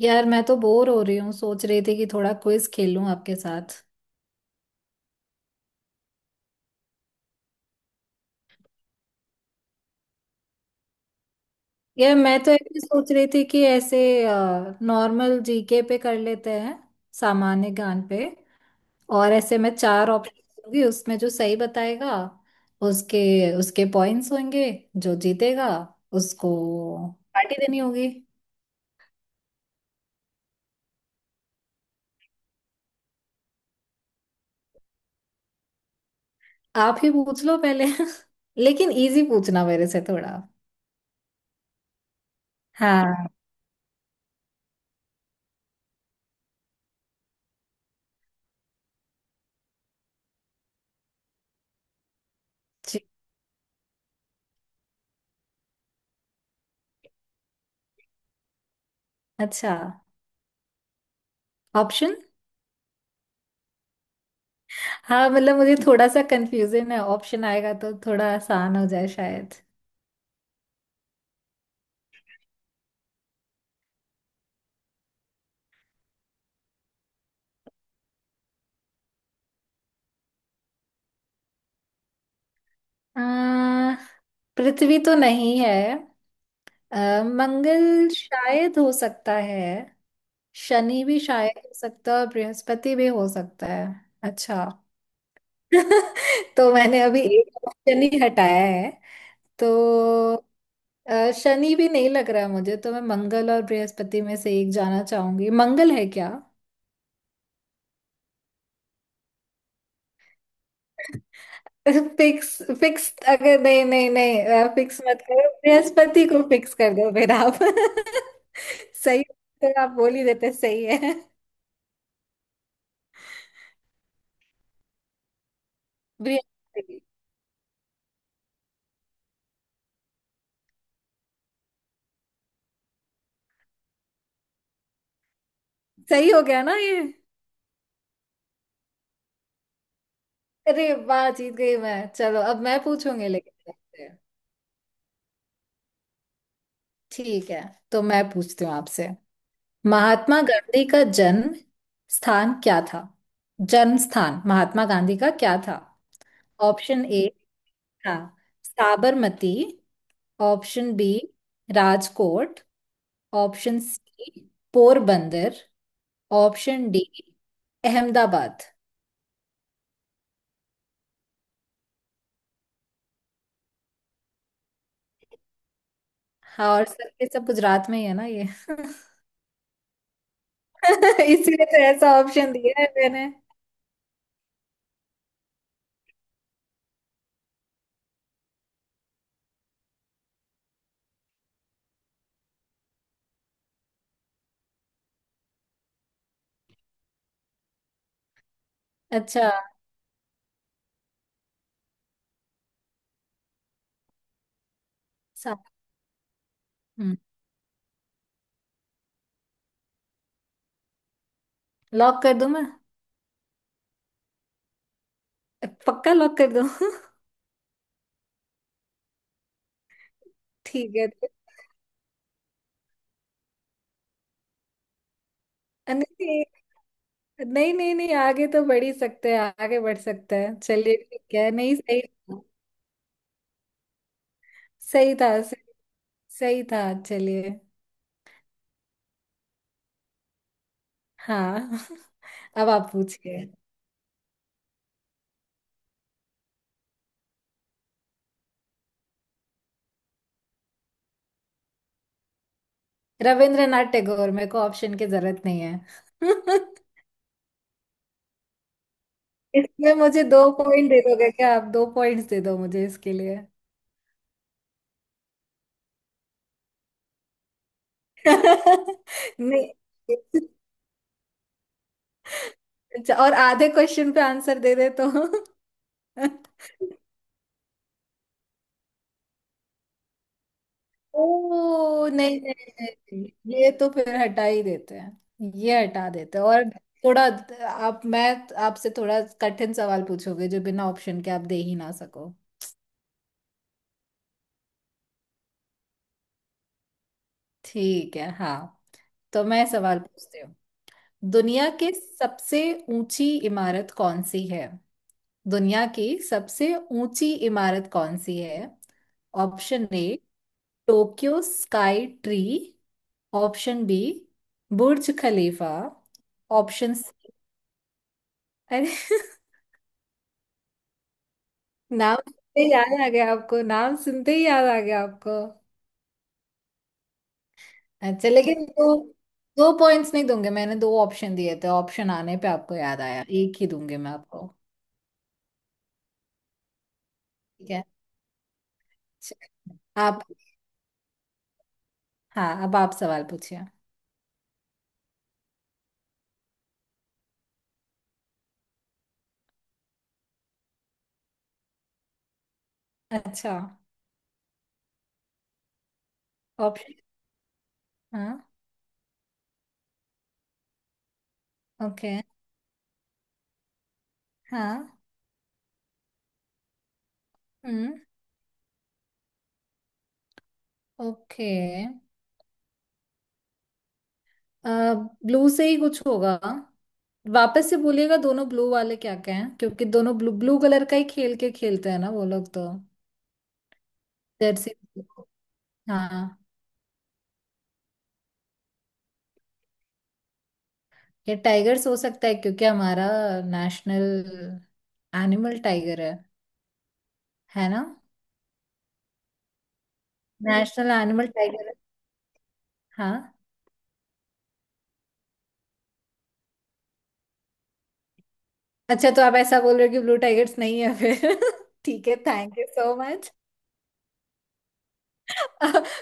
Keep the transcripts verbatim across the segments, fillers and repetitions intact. यार मैं तो बोर हो रही हूँ। सोच रही थी कि थोड़ा क्विज खेलूं आपके साथ। यार मैं तो ऐसे सोच रही थी कि ऐसे नॉर्मल जीके पे कर लेते हैं, सामान्य ज्ञान पे। और ऐसे मैं चार ऑप्शन दूंगी, उसमें जो सही बताएगा उसके उसके पॉइंट्स होंगे। जो जीतेगा उसको पार्टी देनी होगी। आप ही पूछ लो पहले। लेकिन इजी पूछना मेरे से थोड़ा। हाँ। जी। अच्छा। ऑप्शन। हाँ, मतलब मुझे थोड़ा सा कंफ्यूजन है, ऑप्शन आएगा तो थोड़ा आसान हो जाए शायद। आ, पृथ्वी तो नहीं है। अ, मंगल शायद हो सकता है। शनि भी शायद हो सकता है और बृहस्पति भी हो सकता है। अच्छा। तो मैंने अभी एक ऑप्शन ही हटाया है। तो अ, शनि भी नहीं लग रहा मुझे, तो मैं मंगल और बृहस्पति में से एक जाना चाहूंगी। मंगल है क्या? फिक्स फिक्स अगर नहीं नहीं नहीं फिक्स मत करो, बृहस्पति को फिक्स कर दो फिर आप। सही। तो आप बोल ही देते सही है। बृहस्पति। सही हो गया ना ये? अरे वाह, जीत गई मैं। चलो अब मैं पूछूंगी लेकिन आपसे। ठीक है, तो मैं पूछती हूँ आपसे। महात्मा गांधी का जन्म स्थान क्या था? जन्म स्थान महात्मा गांधी का क्या था? ऑप्शन ए था Sabarmati. Option B Rajkot. Option C Porbandar. Option D Ahmedabad. हाँ, और सर ये सब गुजरात में ही है ना ये। इसीलिए तो ऐसा ऑप्शन दिया है मैंने। अच्छा। सा- हम्म। लॉक कर दूं मैं? पक्का लॉक कर दूं? ठीक है तो- नहीं नहीं नहीं, नहीं आगे तो बढ़ ही सकते हैं, आगे बढ़ सकते हैं चलिए। ठीक है, नहीं सही था। सही था सही, सही था चलिए। हाँ। अब आप पूछिए। रविंद्रनाथ टैगोर, मेरे को ऑप्शन की जरूरत नहीं है। इसमें मुझे दो पॉइंट दे दोगे क्या आप? दो पॉइंट्स दे दो मुझे इसके लिए। नहीं। अच्छा, और आधे क्वेश्चन पे आंसर दे दे तो? ओ नहीं नहीं नहीं, ये तो फिर हटा ही देते हैं, ये हटा देते हैं। और थोड़ा आप मैं आपसे थोड़ा कठिन सवाल पूछोगे जो बिना ऑप्शन के आप दे ही ना सको। ठीक है, हाँ। तो मैं सवाल पूछती, दुनिया के सबसे ऊंची इमारत कौन सी है? दुनिया की सबसे ऊंची इमारत कौन सी है? Option A Tokyo sky tree. Option B Burj Khalifa. Option C, अरे! नाम सुनते ही याद आ गया आपको, नाम सुनते ही याद आ गया आपको। अच्छा, लेकिन दो दो पॉइंट्स नहीं दूंगे। मैंने दो ऑप्शन दिए थे, ऑप्शन आने पे आपको याद आया, एक ही दूंगी मैं आपको। ठीक है। अच्छा, आप। हाँ, अब आप सवाल पूछिए। अच्छा। ऑप्शन। हाँ। ओके। हाँ। हम्म। ओके। ब्लू से ही कुछ होगा। वापस से बोलिएगा दोनों ब्लू वाले क्या क्या हैं, क्योंकि दोनों ब्लू ब्लू कलर का ही खेल के खेलते हैं ना वो लोग तो। जर्सी। हाँ। ये टाइगर्स हो सकता है, क्योंकि हमारा नेशनल एनिमल टाइगर है है ना? नेशनल एनिमल टाइगर है। हाँ। अच्छा, तो आप ऐसा बोल रहे हो कि ब्लू टाइगर्स नहीं है फिर? ठीक है, थैंक यू सो मच।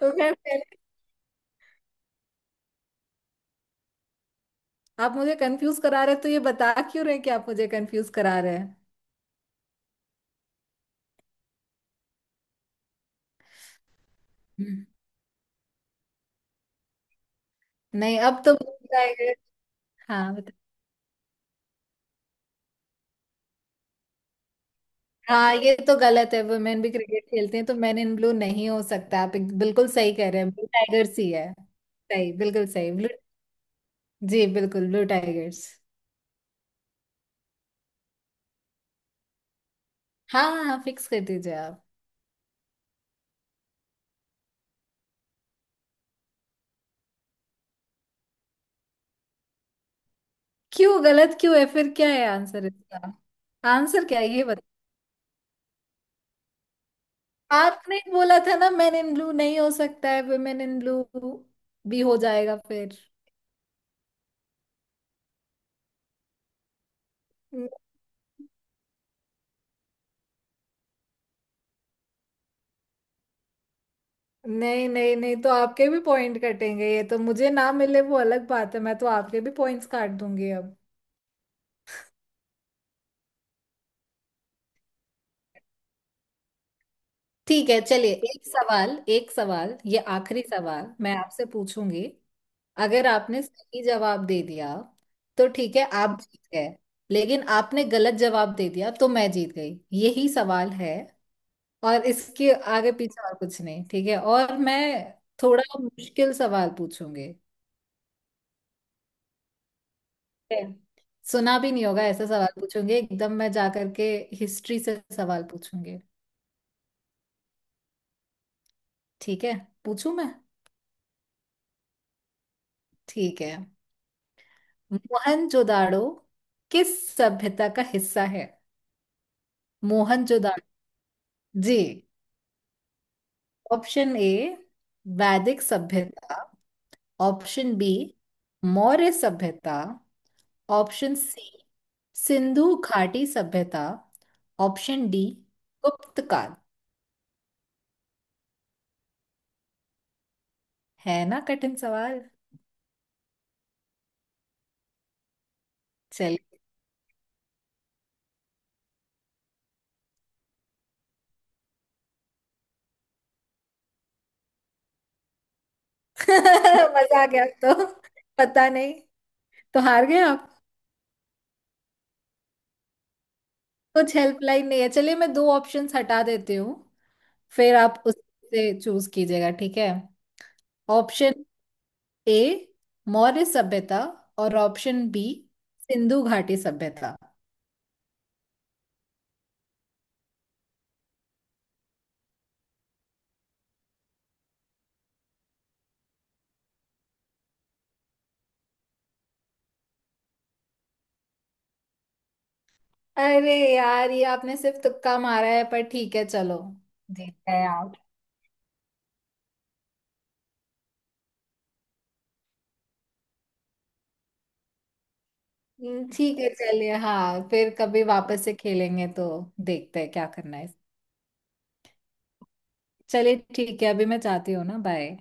तो मैं पहले आप मुझे कंफ्यूज करा रहे हैं, तो ये बता क्यों रहे हैं कि आप मुझे कंफ्यूज करा रहे हैं? हम्म। नहीं, अब तो मुझे आएगा। हाँ, बता। हाँ, ये तो गलत है, वुमेन भी क्रिकेट खेलते हैं तो मैन इन ब्लू नहीं हो सकता। आप एक- बिल्कुल सही कह रहे हैं, ब्लू टाइगर्स ही है। सही, बिल्कुल सही, ब्लू। जी, बिल्कुल ब्लू टाइगर्स। हाँ हाँ, फिक्स कर दीजिए आप। क्यों गलत, क्यों है फिर? क्या है आंसर, इसका आंसर क्या है ये? आपने बोला था ना मैन इन ब्लू नहीं हो सकता है, वुमेन इन ब्लू भी हो जाएगा फिर। न- नहीं नहीं नहीं, तो आपके भी पॉइंट कटेंगे, ये तो मुझे ना मिले वो अलग बात है, मैं तो आपके भी पॉइंट्स काट दूंगी अब। ठीक है चलिए, एक सवाल एक सवाल ये आखिरी सवाल मैं आपसे पूछूंगी। अगर आपने सही जवाब दे दिया तो ठीक है, आप जीत गए। लेकिन आपने गलत जवाब दे दिया तो मैं जीत गई। यही सवाल है और इसके आगे पीछे और कुछ नहीं, ठीक है? और मैं थोड़ा मुश्किल सवाल पूछूंगी। ठीक है। सुना भी नहीं होगा ऐसा सवाल पूछूंगी, एकदम मैं जा करके हिस्ट्री से सवाल पूछूंगी। ठीक है? पूछूं मैं? ठीक है। मोहनजोदाड़ो किस सभ्यता का हिस्सा है? मोहनजोदाड़ो। जी। ऑप्शन ए वैदिक सभ्यता। ऑप्शन बी मौर्य सभ्यता। ऑप्शन सी सिंधु घाटी सभ्यता। ऑप्शन डी गुप्त काल। है ना कठिन सवाल? चल। मजा आ गया, तो पता नहीं, तो हार गए आप। कुछ हेल्पलाइन नहीं है। चलिए मैं दो ऑप्शंस हटा देती हूँ, फिर आप उससे चूज कीजिएगा, ठीक है? ऑप्शन ए मौर्य सभ्यता और ऑप्शन बी सिंधु घाटी सभ्यता। अरे यार, ये आपने सिर्फ तुक्का मारा है, पर ठीक है चलो, जीत गए आप। हम्म, ठीक है चलिए। हाँ, फिर कभी वापस से खेलेंगे तो देखते हैं क्या करना है। चलिए ठीक है, अभी मैं जाती हूँ ना, बाय।